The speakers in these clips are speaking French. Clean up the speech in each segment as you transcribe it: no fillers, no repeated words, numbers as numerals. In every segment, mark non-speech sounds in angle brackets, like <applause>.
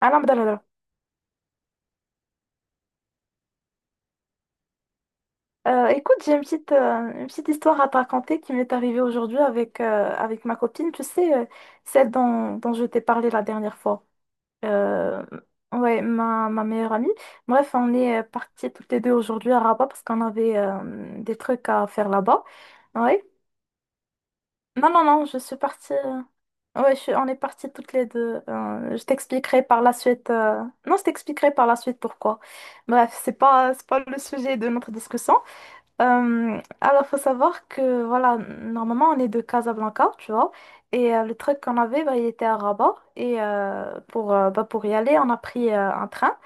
Alain Abdallah. Écoute, j'ai une petite histoire à te raconter qui m'est arrivée aujourd'hui avec, avec ma copine, tu sais, celle dont je t'ai parlé la dernière fois. Euh, ouais, ma meilleure amie. Bref, on est parties toutes les deux aujourd'hui à Rabat parce qu'on avait des trucs à faire là-bas. Ouais. Non, non, non, je suis partie. Ouais, on est parties toutes les deux. Je t'expliquerai par la suite. Non, je t'expliquerai par la suite pourquoi. Bref, c'est pas le sujet de notre discussion. Alors, faut savoir que, voilà, normalement, on est de Casablanca, tu vois, et le truc qu'on avait, bah, il était à Rabat, et bah, pour y aller, on a pris un train,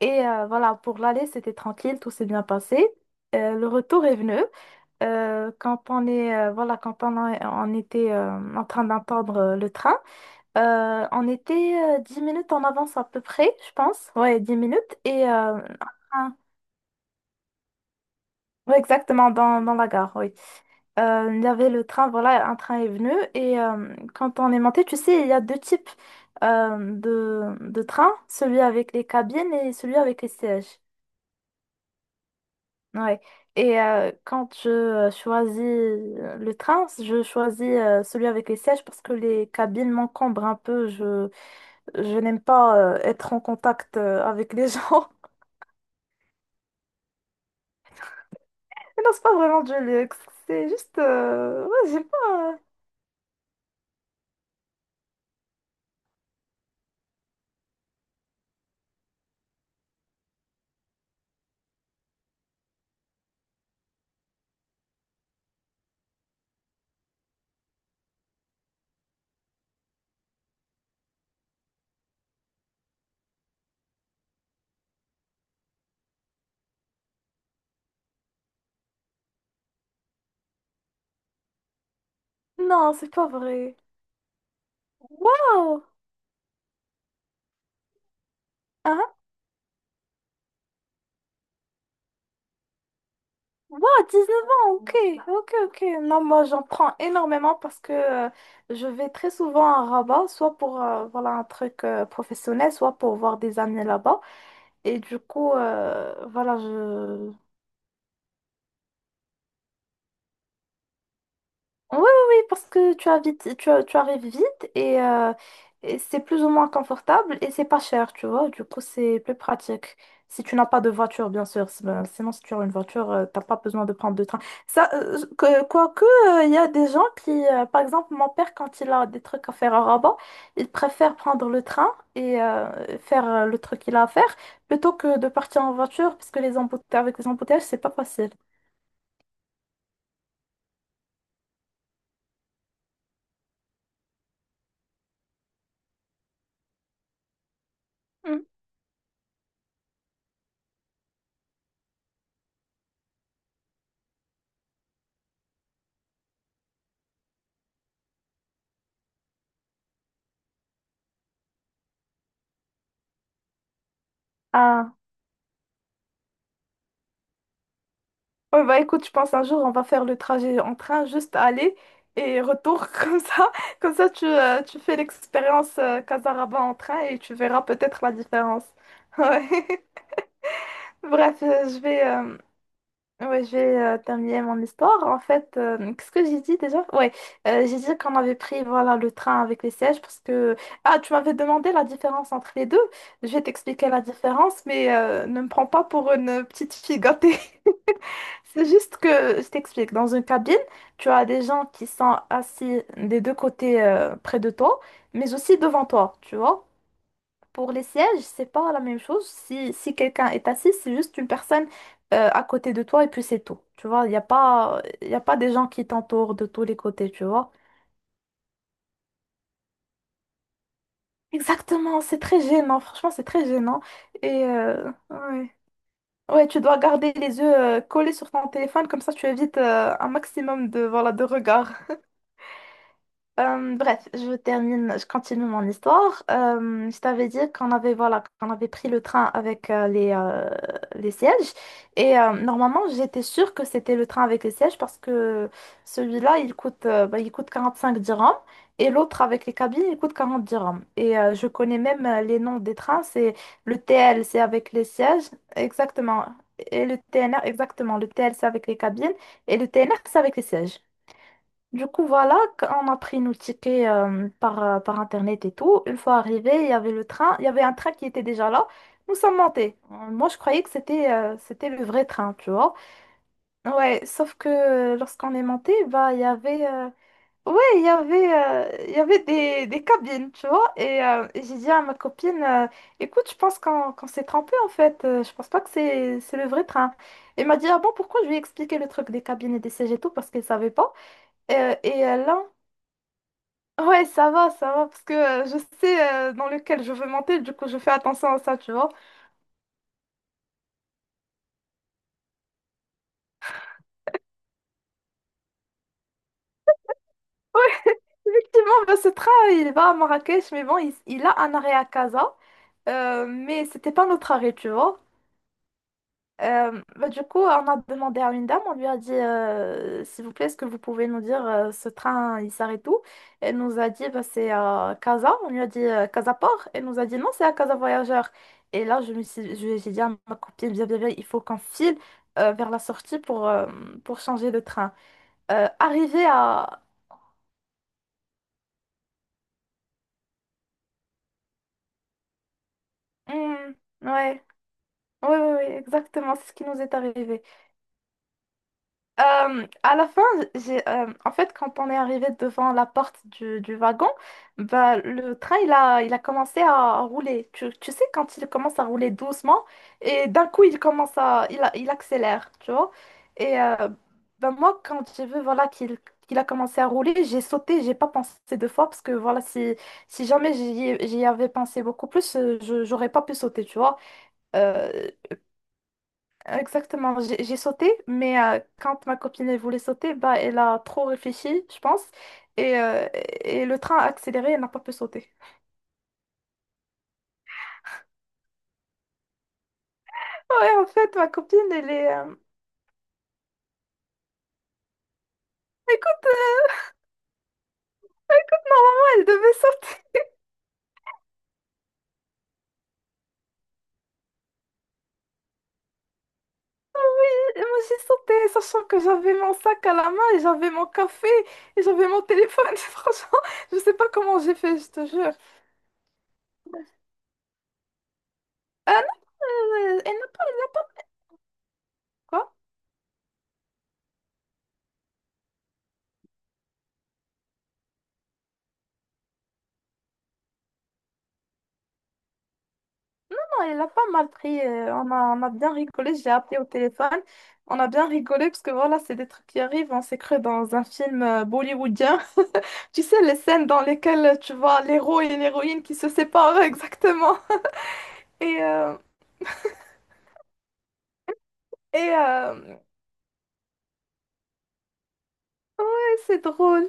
et voilà, pour l'aller, c'était tranquille, tout s'est bien passé. Le retour est venu. Quand on était en train d'attendre le train, on était 10 minutes en avance à peu près, je pense, ouais, 10 minutes, train- ouais, exactement, dans, dans la gare, oui. Il y avait le train, voilà, un train est venu. Et quand on est monté, tu sais, il y a deux types de trains, celui avec les cabines et celui avec les sièges. Ouais. Et quand je choisis le train, je choisis celui avec les sièges parce que les cabines m'encombrent un peu. Je n'aime pas être en contact avec les gens. <laughs> Mais non, c'est pas vraiment du luxe. Ouais, j'ai pas... Non, c'est pas vrai. Waouh! Wow, neuf ans, ok, ok, ok. Non, moi j'en prends énormément parce que je vais très souvent à Rabat, soit pour voilà, un truc professionnel, soit pour voir des amis là-bas. Et du coup, voilà. Oui, oui, oui, parce que tu as vite, tu, as- tu arrives vite et c'est plus ou moins confortable et c'est pas cher, tu vois. Du coup, c'est plus pratique. Si tu n'as pas de voiture, bien sûr. Sinon, si tu as une voiture, t'as pas besoin de prendre de train. Ça, que, quoique, il y a des gens qui, par exemple, mon père, quand il a des trucs à faire à Rabat, il préfère prendre le train et faire le truc qu'il a à faire plutôt que de partir en voiture parce que avec les embouteillages, c'est pas facile. Mm. Ouais, bah écoute, je pense un jour on va faire le trajet en train, juste aller et retour <laughs> comme ça. Comme ça, tu fais l'expérience Casaraba en train et tu verras peut-être la différence. Ouais. <laughs> Bref, je vais terminer mon histoire. En fait, qu'est-ce que j'ai dit déjà? Ouais, j'ai dit qu'on avait pris voilà, le train avec les sièges parce que... Ah, tu m'avais demandé la différence entre les deux. Je vais t'expliquer la différence, mais ne me prends pas pour une petite fille gâtée. C'est juste que, je t'explique, dans une cabine, tu as des gens qui sont assis des deux côtés près de toi, mais aussi devant toi, tu vois. Pour les sièges, c'est pas la même chose. Si, si quelqu'un est assis, c'est juste une personne à côté de toi et puis c'est tout. Tu vois, il y a pas des gens qui t'entourent de tous les côtés, tu vois. Exactement, c'est très gênant, franchement, c'est très gênant. Et euh, ouais. Ouais, tu dois garder les yeux collés sur ton téléphone, comme ça tu évites un maximum de, voilà, de regards. Bref, je termine, je continue mon histoire. Je t'avais dit qu'on avait, voilà, qu'on avait pris le train avec les sièges. Et normalement, j'étais sûre que c'était le train avec les sièges parce que celui-là, il coûte 45 dirhams et l'autre avec les cabines, il coûte 40 dirhams. Et je connais même les noms des trains. C'est le TL, c'est avec les sièges, exactement. Et le TNR, exactement. Le TL, c'est avec les cabines et le TNR, c'est avec les sièges. Du coup, voilà, on a pris nos tickets par Internet et tout. Une fois arrivé, il y avait le train, il y avait un train qui était déjà là. Nous sommes montés. Moi, je croyais que c'était le vrai train, tu vois. Ouais, sauf que lorsqu'on est monté, il y avait des cabines, tu vois. Et j'ai dit à ma copine, écoute, je pense qu'on s'est trompé en fait. Je pense pas que c'est le vrai train. Et elle m'a dit, ah bon, pourquoi? Je lui ai expliqué le truc des cabines et des sièges et tout parce qu'elle savait pas. Euh, et euh, là, Ouais, ça va, parce que je sais dans lequel je veux monter, du coup je fais attention à ça, tu vois. Effectivement, bah, ce train, il va à Marrakech, mais bon, il a un arrêt à Casa, mais c'était pas notre arrêt, tu vois. Bah, du coup, on a demandé à une dame, on lui a dit s'il vous plaît, est-ce que vous pouvez nous dire ce train il s'arrête où? Elle nous a dit bah, c'est à Casa, on lui a dit Casa Port, elle nous a dit non, c'est à Casa Voyageur. Et là, je me suis, je- j'ai dit à ma copine, bien, bien, bien, il faut qu'on file vers la sortie pour changer de train. Arrivé à. Hmm, ouais, ouais, exactement, c'est ce qui nous est arrivé. À la fin, en fait, quand on est arrivé devant la porte du wagon, bah, le train, il a commencé à rouler. Tu sais, quand il commence à rouler doucement, et d'un coup, il commence à, il, a- il accélère, tu vois. Et euh, Bah, moi, quand j'ai vu, voilà, qu'il a commencé à rouler, j'ai sauté, j'ai pas pensé deux fois, parce que, voilà, si, si jamais j'y avais pensé beaucoup plus, j'aurais pas pu sauter, tu vois. Euh, Exactement, j'ai sauté, mais quand ma copine elle voulait sauter, bah, elle a trop réfléchi, je pense, et, euh, et le train a accéléré, elle n'a pas pu sauter. Ouais, en fait, ma copine, elle est... Écoute, moi, elle devait sauter, et moi j'ai sauté, sachant que j'avais mon sac à la main, et j'avais mon café, et j'avais mon téléphone, <laughs> franchement, je sais pas comment j'ai fait, je te jure. Ah non, elle n'a pas... Quoi? Il a pas mal pris. On a, on a bien rigolé. J'ai appelé au téléphone. On a bien rigolé parce que voilà, c'est des trucs qui arrivent. On s'est cru dans un film bollywoodien. <laughs> Tu sais, les scènes dans lesquelles tu vois l'héros et l'héroïne qui se séparent <laughs> exactement. Et, euh, et euh, ouais, c'est drôle.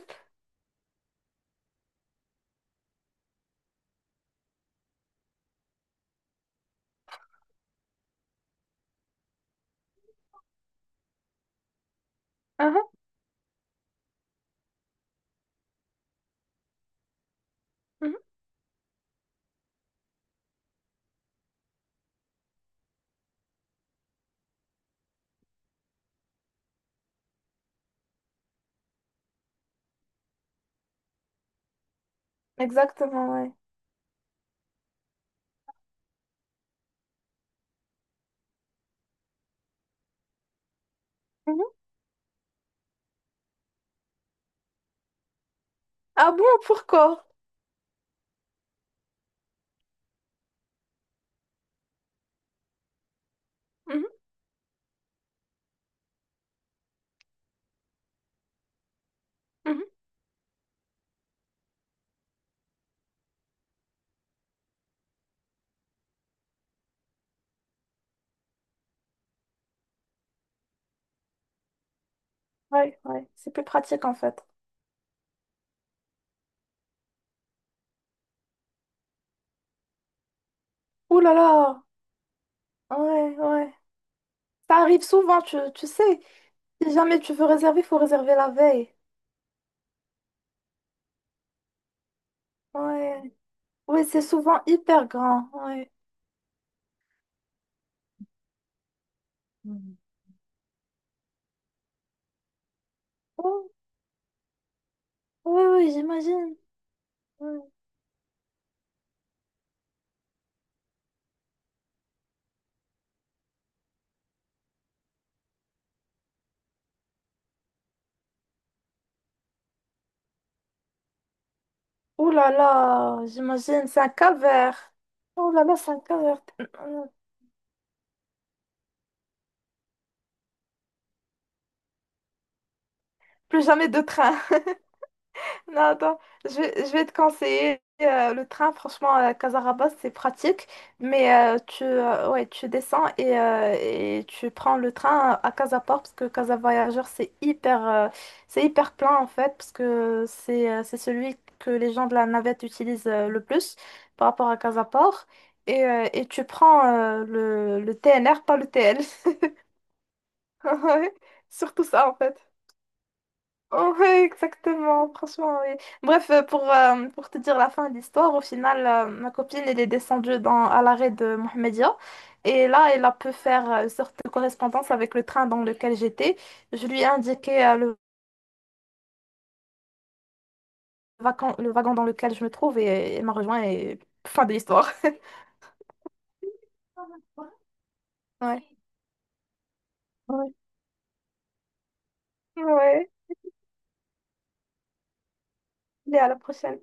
Mhm, mhm. Exactement, ouais. Mhm. Ah bon, pourquoi? Mhm, mhm. Ouais, ouais, c'est plus pratique en fait. Ouh là là, ouais, ouais. Ça arrive souvent, tu sais. Si jamais tu veux réserver, il faut réserver la veille. Ouais. Ouais, c'est souvent hyper grand. Ouais. Mhm. Oh, oui, oui, j'imagine. Ouais. Oh là là, j'imagine, c'est un calvaire. Oh là là, c'est un calvaire. Plus jamais de train. Non, attends, je vais te conseiller le train, franchement, à Casarabas, c'est pratique, mais ouais, tu descends et tu prends le train à Casaport, parce que Casa Voyageur, c'est hyper plein en fait, parce que c'est celui que les gens de la navette utilisent le plus par rapport à Casaport. Et tu prends le TNR, pas le TL. <laughs> Ouais, surtout ça en fait. Ouais, exactement, franchement, oui. Bref, pour te dire la fin de l'histoire, au final, ma copine, elle est descendue à l'arrêt de Mohamedia. Et là, elle a pu faire une sorte de correspondance avec le train dans lequel j'étais. Je lui ai indiqué le wagon dans lequel je me trouve et elle m'a rejoint et fin de l'histoire. <laughs> Ouais. Ouais. Ouais. Allez, à la prochaine.